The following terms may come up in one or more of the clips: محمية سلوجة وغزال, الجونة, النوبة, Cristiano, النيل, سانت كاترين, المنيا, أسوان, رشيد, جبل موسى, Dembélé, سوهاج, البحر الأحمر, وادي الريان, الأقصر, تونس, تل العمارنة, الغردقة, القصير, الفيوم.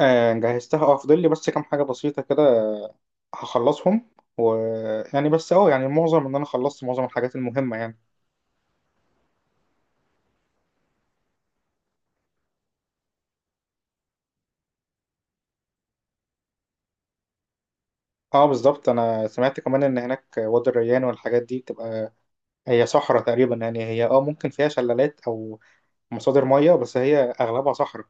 آه، جهزتها فاضل لي بس كام حاجة بسيطة كده. هخلصهم و، يعني بس يعني معظم ان انا خلصت معظم الحاجات المهمة يعني. اه، بالظبط انا سمعت كمان ان هناك وادي الريان، والحاجات دي بتبقى، هي صحراء تقريبا يعني، هي ممكن فيها شلالات او مصادر مياه، بس هي اغلبها صحراء.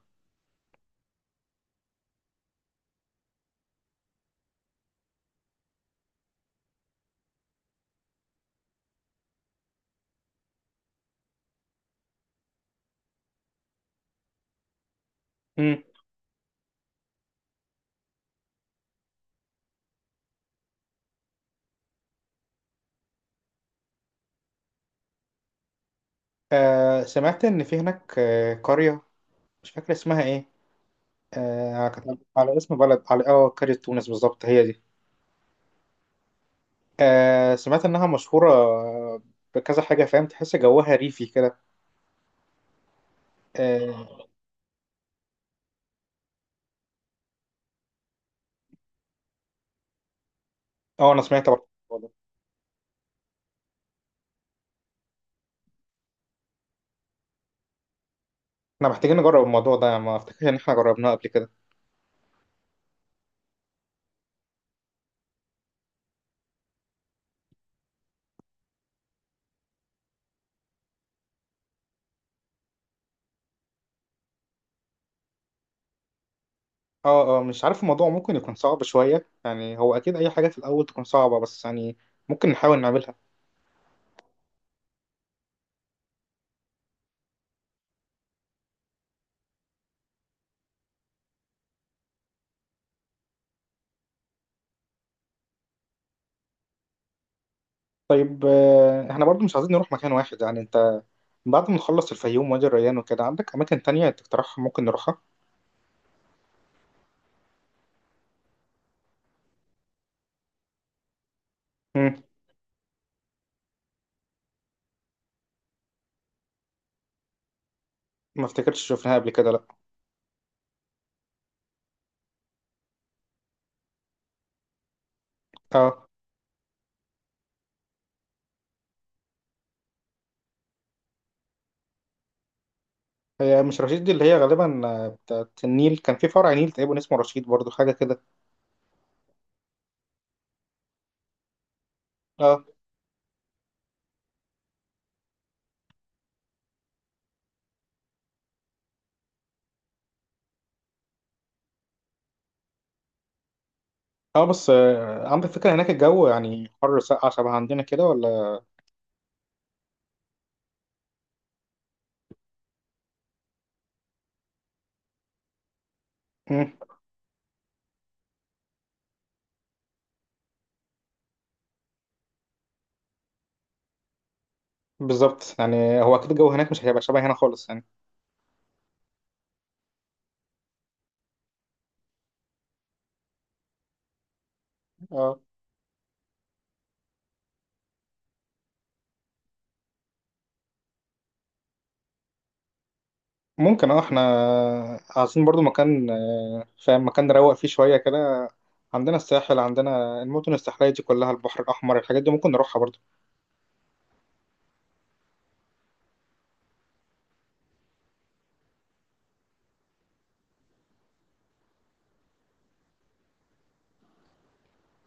امم. سمعت ان في هناك قرية، مش فاكر اسمها ايه. كانت على اسم بلد، على قرية تونس بالظبط، هي دي. سمعت انها مشهورة بكذا حاجة، فاهم؟ تحس جوها ريفي كده. اه. آه، انا سمعت برضه الموضوع ده. احنا محتاجين نجرب الموضوع ده، ما افتكرش ان احنا جربناه قبل كده. اه، اه، مش عارف الموضوع ممكن يكون صعب شوية يعني، هو اكيد اي حاجة في الاول تكون صعبة، بس يعني ممكن نحاول نعملها. طيب، احنا برضو مش عايزين نروح مكان واحد، يعني انت، بعد ما نخلص الفيوم وادي الريان وكده، عندك اماكن تانية تقترحها ممكن نروحها؟ مم. ما افتكرتش شفناها قبل كده، لا. اه. هي مش رشيد دي اللي هي غالبا بتاعت النيل؟ كان في فرع نيل تقريبا اسمه رشيد برضو حاجة كده. اه. اه، بس عندك فكرة هناك الجو يعني حر ساقع شبه عندنا كده، ولا؟ مم. بالظبط، يعني هو أكيد الجو هناك مش هيبقى شبه هنا خالص يعني. اه، ممكن احنا عايزين برضو مكان، فاهم؟ مكان نروق فيه شوية كده. عندنا الساحل، عندنا المدن الساحلية دي كلها، البحر الأحمر، الحاجات دي ممكن نروحها برضو.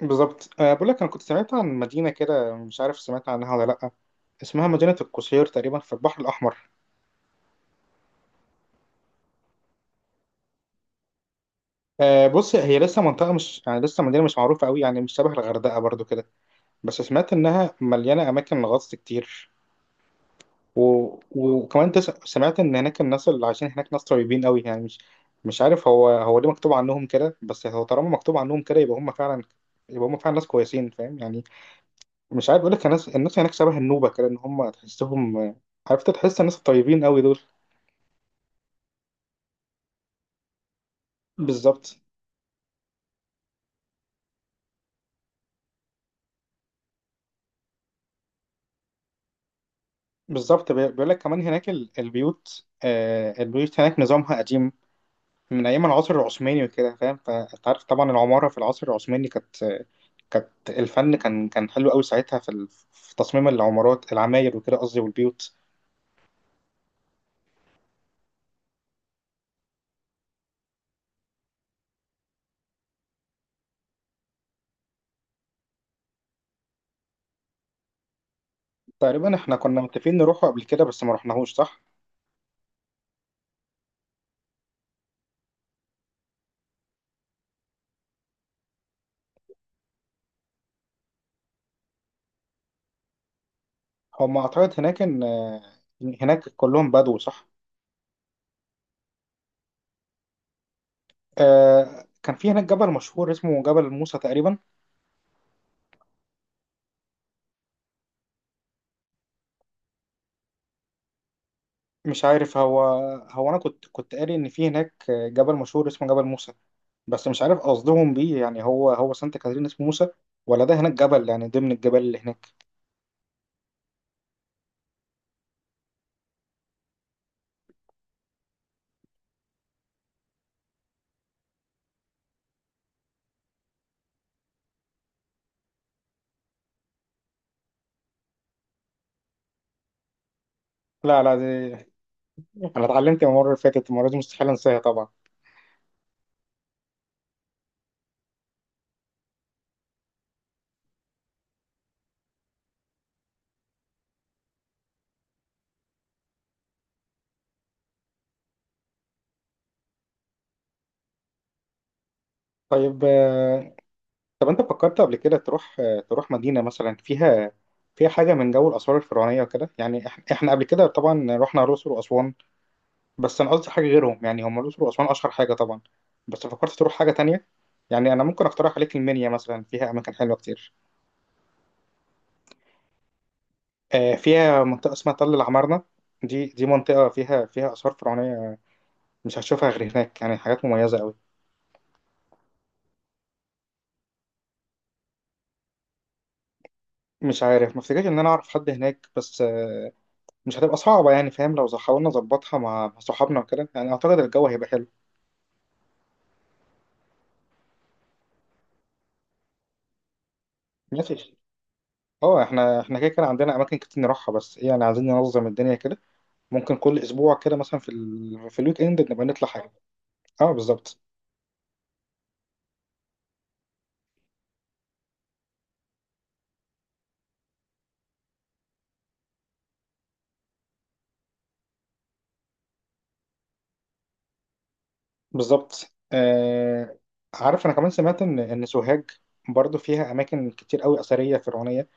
بالظبط، بقول لك أنا كنت سمعت عن مدينة كده، مش عارف سمعت عنها ولا لأ. اسمها مدينة القصير تقريبا في البحر الأحمر. آه، بص، هي لسه منطقة، مش يعني لسه مدينة مش معروفة قوي يعني، مش شبه الغردقة برضو كده. بس سمعت انها مليانه اماكن غطس كتير. و... وكمان سمعت ان هناك الناس اللي عايشين هناك ناس طيبين قوي، يعني مش، مش عارف، هو ليه مكتوب عنهم كده، بس هو طالما مكتوب عنهم كده يبقى هم فعلا ناس كويسين، فاهم يعني. مش عارف اقول لك، الناس هناك شبه النوبه كده، ان هم تحسهم، عرفت تحس الناس الطيبين قوي دول. بالظبط. بالظبط، بيقول لك كمان هناك البيوت هناك نظامها قديم، من ايام العصر العثماني وكده، فاهم؟ فانت عارف طبعا العماره في العصر العثماني كانت، الفن كان حلو قوي ساعتها في في تصميم العماير وكده، قصدي، والبيوت. تقريبا احنا كنا متفقين نروحوا قبل كده، بس ما رحناهوش، صح؟ هم اعتقد هناك ان، هناك كلهم بدو، صح؟ كان في هناك جبل مشهور اسمه جبل موسى تقريبا. مش عارف هو. هو انا كنت قاري ان في هناك جبل مشهور اسمه جبل موسى، بس مش عارف قصدهم بيه، يعني هو سانت كاترين اسمه موسى، ولا ده هناك جبل يعني ضمن الجبال اللي هناك؟ لا، لا، انا اتعلمت المره اللي فاتت، المره دي مستحيل انساها طبعا. طيب، آه، طب انت فكرت قبل كده تروح، مدينة مثلا فيها، فيها حاجة من جو الآثار الفرعونية وكده، يعني إحنا قبل كده طبعا رحنا الأقصر وأسوان. بس أنا قصدي حاجة غيرهم، يعني هم الأقصر وأسوان أشهر حاجة طبعا. بس فكرت تروح حاجة تانية؟ يعني أنا ممكن أقترح عليك المنيا مثلا، فيها أماكن حلوة كتير. آه، فيها منطقة اسمها تل العمارنة. دي منطقة فيها آثار فرعونية، مش هتشوفها غير هناك، يعني حاجات مميزة أوي. مش عارف، ما افتكرش إن أنا أعرف حد هناك، بس مش هتبقى صعبة، يعني فاهم؟ لو حاولنا نظبطها مع صحابنا وكده، يعني أعتقد الجو هيبقى حلو. ماشي. اه، احنا كده كده عندنا أماكن كتير نروحها، بس ايه يعني، عايزين ننظم الدنيا كده، ممكن كل أسبوع كده مثلا في في الويك إند نبقى نطلع حاجة. اه، بالظبط، بالظبط، آه. عارف، أنا كمان سمعت إن سوهاج برضو فيها أماكن كتير أوي أثرية فرعونية،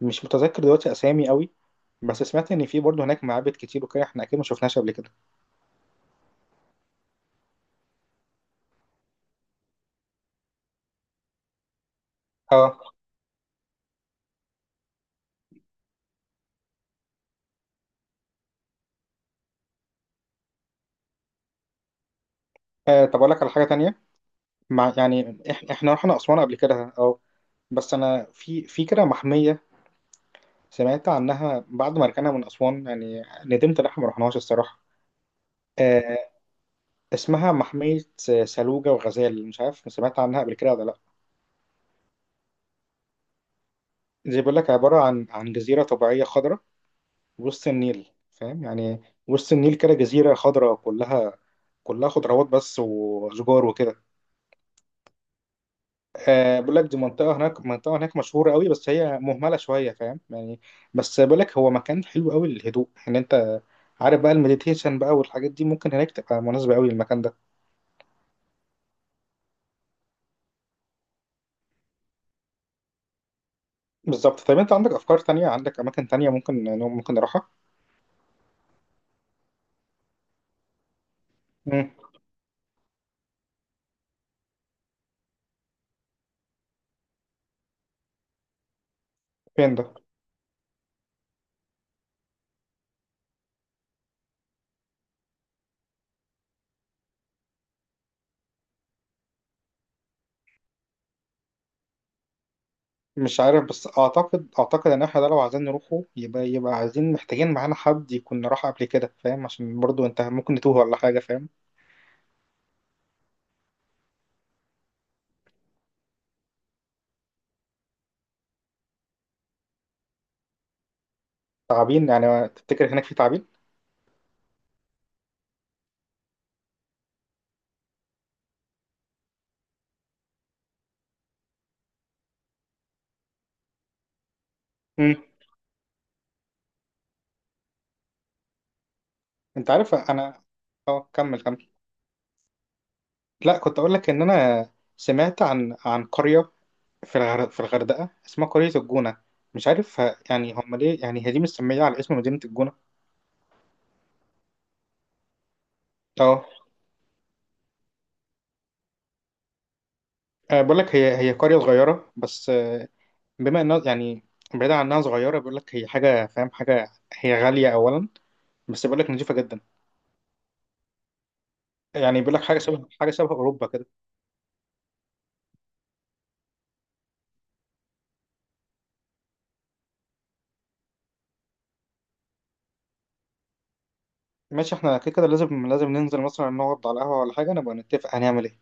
مش متذكر دلوقتي أسامي أوي، بس سمعت إن في برضو هناك معابد كتير وكده، احنا أكيد ما شفناهاش قبل كده. اه. آه، طب أقول لك على حاجة تانية، يعني احنا رحنا أسوان قبل كده، اه. بس انا في كده محميه، سمعت عنها بعد ما رجعنا من اسوان، يعني ندمت ان احنا ما رحناهاش الصراحه. آه. اسمها محميه سلوجه وغزال، مش عارف سمعت عنها قبل كده ولا لا؟ زي بيقول لك عباره عن جزيره طبيعيه خضراء وسط النيل، فاهم يعني، وسط النيل كده جزيره خضراء كلها خضروات بس وشجار وكده. آه، بقول لك دي منطقة هناك مشهورة قوي، بس هي مهملة شوية، فاهم يعني، بس بقول لك هو مكان حلو قوي للهدوء، ان انت عارف بقى المديتيشن بقى والحاجات دي، ممكن هناك تبقى مناسبة قوي للمكان ده. بالظبط. طيب انت عندك افكار تانية، عندك اماكن تانية ممكن نروحها؟ مم. فين ده؟ مش عارف، بس اعتقد ان احنا ده لو عايزين نروحه يبقى محتاجين معانا حد يكون راح قبل كده، فاهم؟ عشان برضو انت ممكن نتوه ولا حاجة، فاهم؟ تعابين؟ يعني تفتكر هناك في تعابين؟ مم. انت عارف انا، اه، كمل، كمل. لا، كنت اقول لك ان انا، سمعت عن قريه، في الغردقه اسمها قريه الجونه، مش عارف يعني هم ليه، يعني هي دي مستميه على اسم مدينه الجونه. اه. آه، بقول لك هي قريه صغيره، بس، بما انها يعني، بعيدا عن انها صغيره، بيقول لك هي حاجه، فاهم؟ حاجه هي غاليه اولا، بس بيقول لك نظيفه جدا. يعني بيقول لك حاجه شبه اوروبا كده. ماشي، احنا كده كده لازم ننزل مثلا، نقعد على قهوه ولا حاجه نبقى نتفق هنعمل ايه.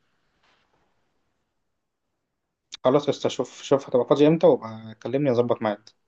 خلاص، قشطة، شوف، شوف هتبقى فاضي امتى وابقى كلمني اظبط معاك.